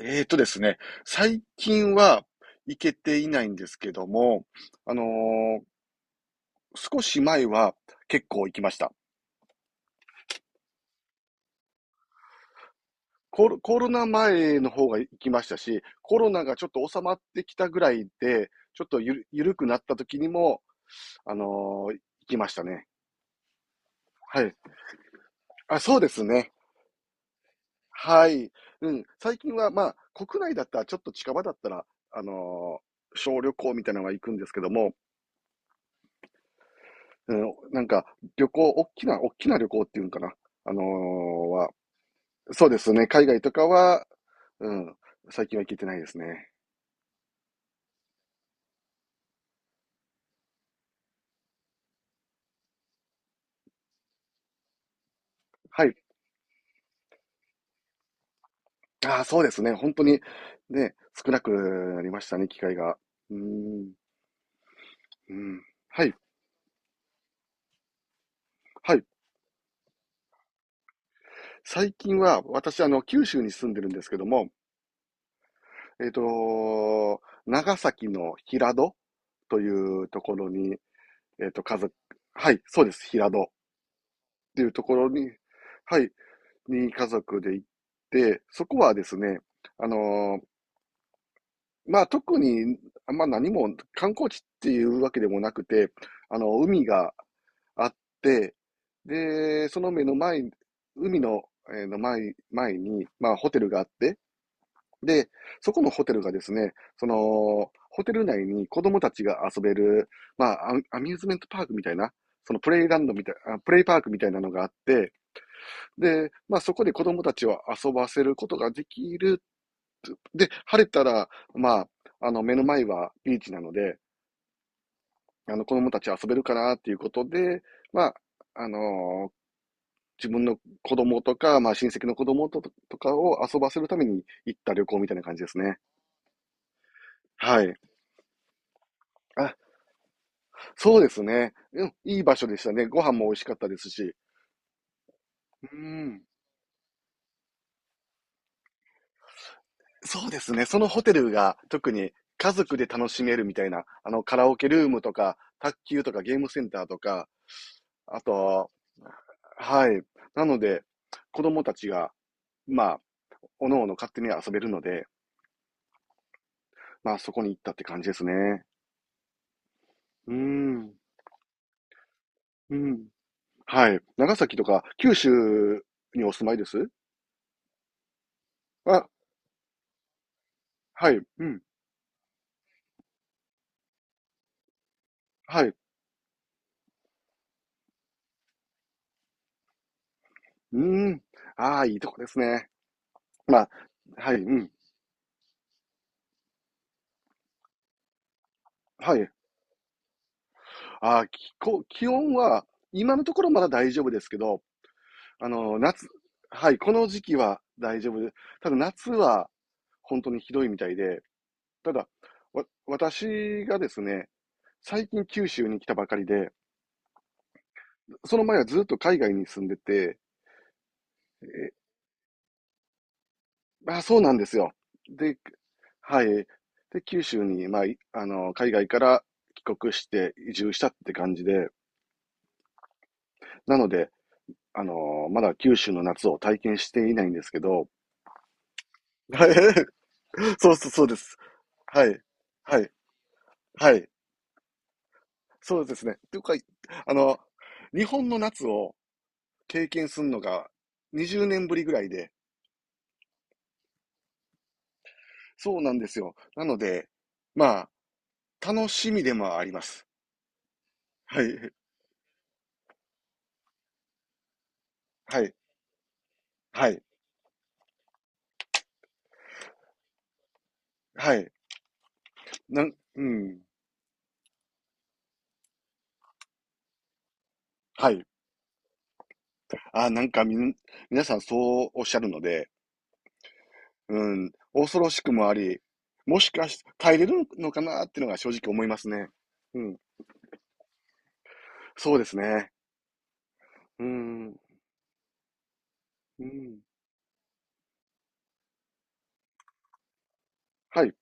えーとですね、最近は行けていないんですけども、あのー少し前は結構行きました。コロナ前の方が行きましたし、コロナがちょっと収まってきたぐらいで、ちょっとゆる、ゆるくなった時にも、あの行きましたね。はい。あ、そうですね。はい。うん。最近は、まあ、国内だったら、ちょっと近場だったら、あのー小旅行みたいなのが行くんですけども、うん、なんか、旅行、大きな、大きな旅行っていうんかな。あのーは、そうですね。海外とかは、うん、最近は行けてないですね。はい。ああ、そうですね。本当に、ね、少なくなりましたね、機会が。うーん、うん。はい、はい。最近は、私、あの、九州に住んでるんですけども、えっと、長崎の平戸というところに、えっと、はい、そうです、平戸っていうところに、はい、に家族で行って、そこはですね、あのーまあ、特に、まあ、何も観光地っていうわけでもなくて、あの、海があって、で、その目の前、海の、えーの前、前に、まあ、ホテルがあって、で、そこのホテルがですね、その、ホテル内に子供たちが遊べる、まあ、アミューズメントパークみたいな、そのプレイランドみたいな、あプレイパークみたいなのがあって、で、まあそこで子供たちを遊ばせることができる。で、晴れたら、まあ、あの目の前はビーチなので、あの子供たち遊べるかなっていうことで、まあ、あのー自分の子供とか、まあ親戚の子供ととかを遊ばせるために行った旅行みたいな感じですね。はい。あ、そうですね。うん、いい場所でしたね。ご飯も美味しかったですし。うん。そうですね。そのホテルが特に家族で楽しめるみたいな、あの、カラオケルームとか、卓球とかゲームセンターとか、あと、はい。なので、子供たちが、まあ、おのおの勝手に遊べるので、まあ、そこに行ったって感じですね。うーん。うん。はい。長崎とか九州にお住まいです？あ、はい。うん。はい。うーん。ああ、いいとこですね。まあ、はい。うん。はい。あーきこ気温は、今のところまだ大丈夫ですけど、あの、夏、はい、この時期は大丈夫で、ただ夏は本当にひどいみたいで、ただ、私がですね、最近九州に来たばかりで、その前はずっと海外に住んでて、えあ、そうなんですよ。で、はい。で、九州に、まあ、海外から帰国して移住したって感じで、なので、あの、まだ九州の夏を体験していないんですけど、はい。そうです。はい。はい。はい。そうですね。というか、あの、日本の夏を経験するのが20年ぶりぐらいで、そうなんですよ。なので、まあ、楽しみでもあります。はい。はい。はい。はい。うん。はい。あ、なんかみん、皆さんそうおっしゃるので、うん。恐ろしくもあり、もしかし、耐えれるのかなっていうのが正直思いますね。うん。そうですね。うん。うん。はい。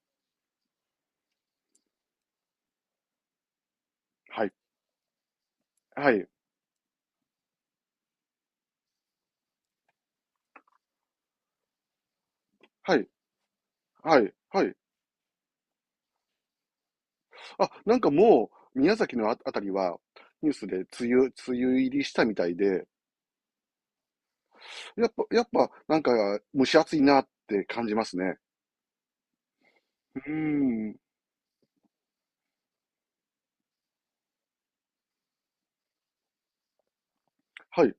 はい。はい。はい。はい。はい。あ、なんかもう、宮崎のあ、あたりは、ニュースで梅雨入りしたみたいで、やっぱ、なんか、蒸し暑いなって感じますね。うーん。はい。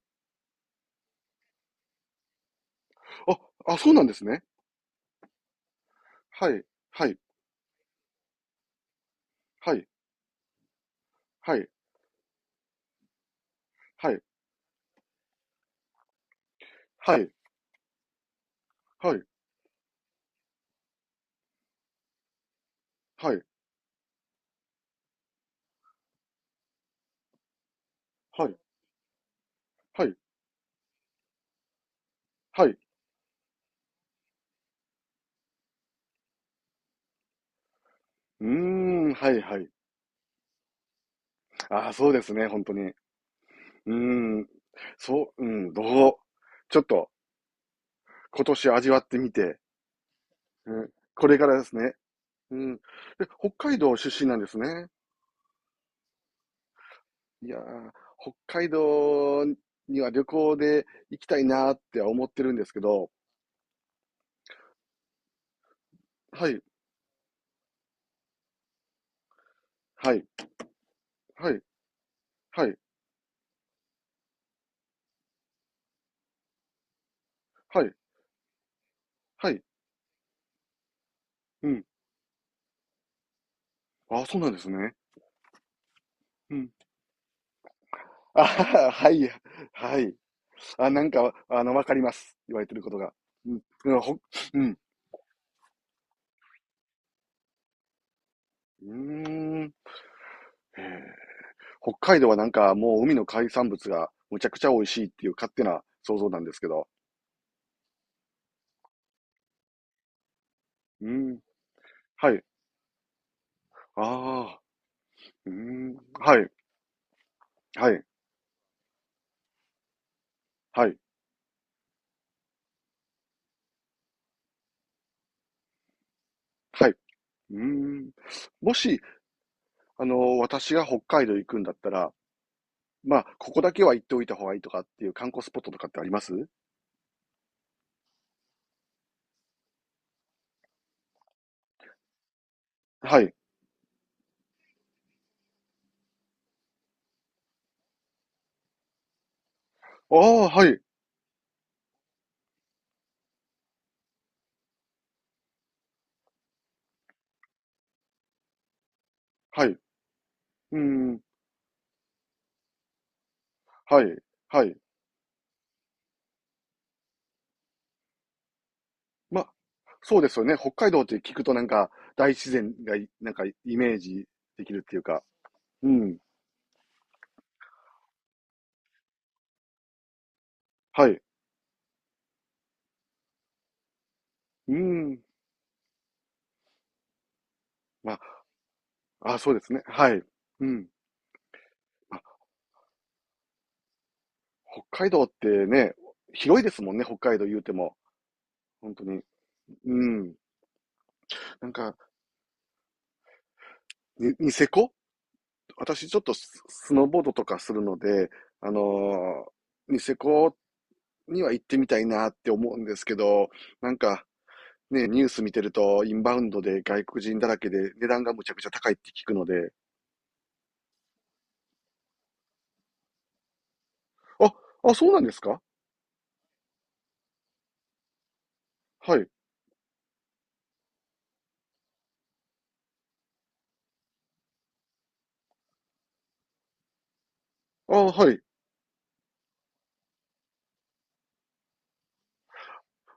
あ、あ、そうなんですね。はい。はい。はい。はい。はい。はい。はい。はい。はい。はい。はい。うーん。はい。はい。ああ、そうですね。本当に。うーん。そう、うん。うちょっと、今年味わってみて、うん、これからですね。うん。で、北海道出身なんですね。いやー、北海道には旅行で行きたいなーって思ってるんですけど、はい、はい、はい、はい、はい、はい、うん。あ、そうなんですね。うん。あはは、はい、はい。あ、なんか、あの、わかります。言われてることが。うん、うんほ、うん。うーん。へえ、北海道はなんかもう海の海産物がむちゃくちゃ美味しいっていう勝手な想像なんですけど。うん。はい。ああ、うーん、はい、はい、はい、はい。うーん。もし、あの、私が北海道行くんだったら、まあ、ここだけは行っておいた方がいいとかっていう観光スポットとかってあります？はい。ああ、はい、はい。うーん、はい、はい。ま、そうですよね。北海道って聞くとなんか、大自然がい、なんか、イメージできるっていうか。うん、はい。うーん、まあ、あ、そうですね。はい。うん。ま、北海道ってね、広いですもんね、北海道言うても。本当に。うん。なんか、ニセコ、私ちょっとスノーボードとかするので、あのーニセコには行ってみたいなって思うんですけど、なんかね、ニュース見てるとインバウンドで外国人だらけで値段がむちゃくちゃ高いって聞くので、あ、あ、そうなんですか？はい。あ、はい。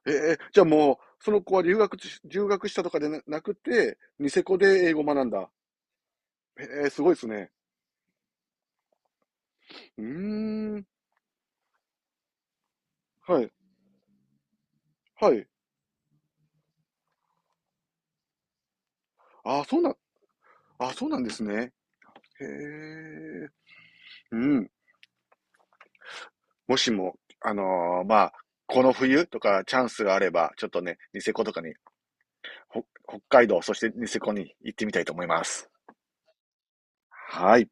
ええ、じゃあもう、その子は留学し、留学したとかでななくて、ニセコで英語を学んだ。ええ、すごいですね。うーん。はい。はい。あ、そうなんあ、そうなんですね。へえ。うん。もしも、まあ、この冬とかチャンスがあれば、ちょっとね、ニセコとかに、北海道、そしてニセコに行ってみたいと思います。はい。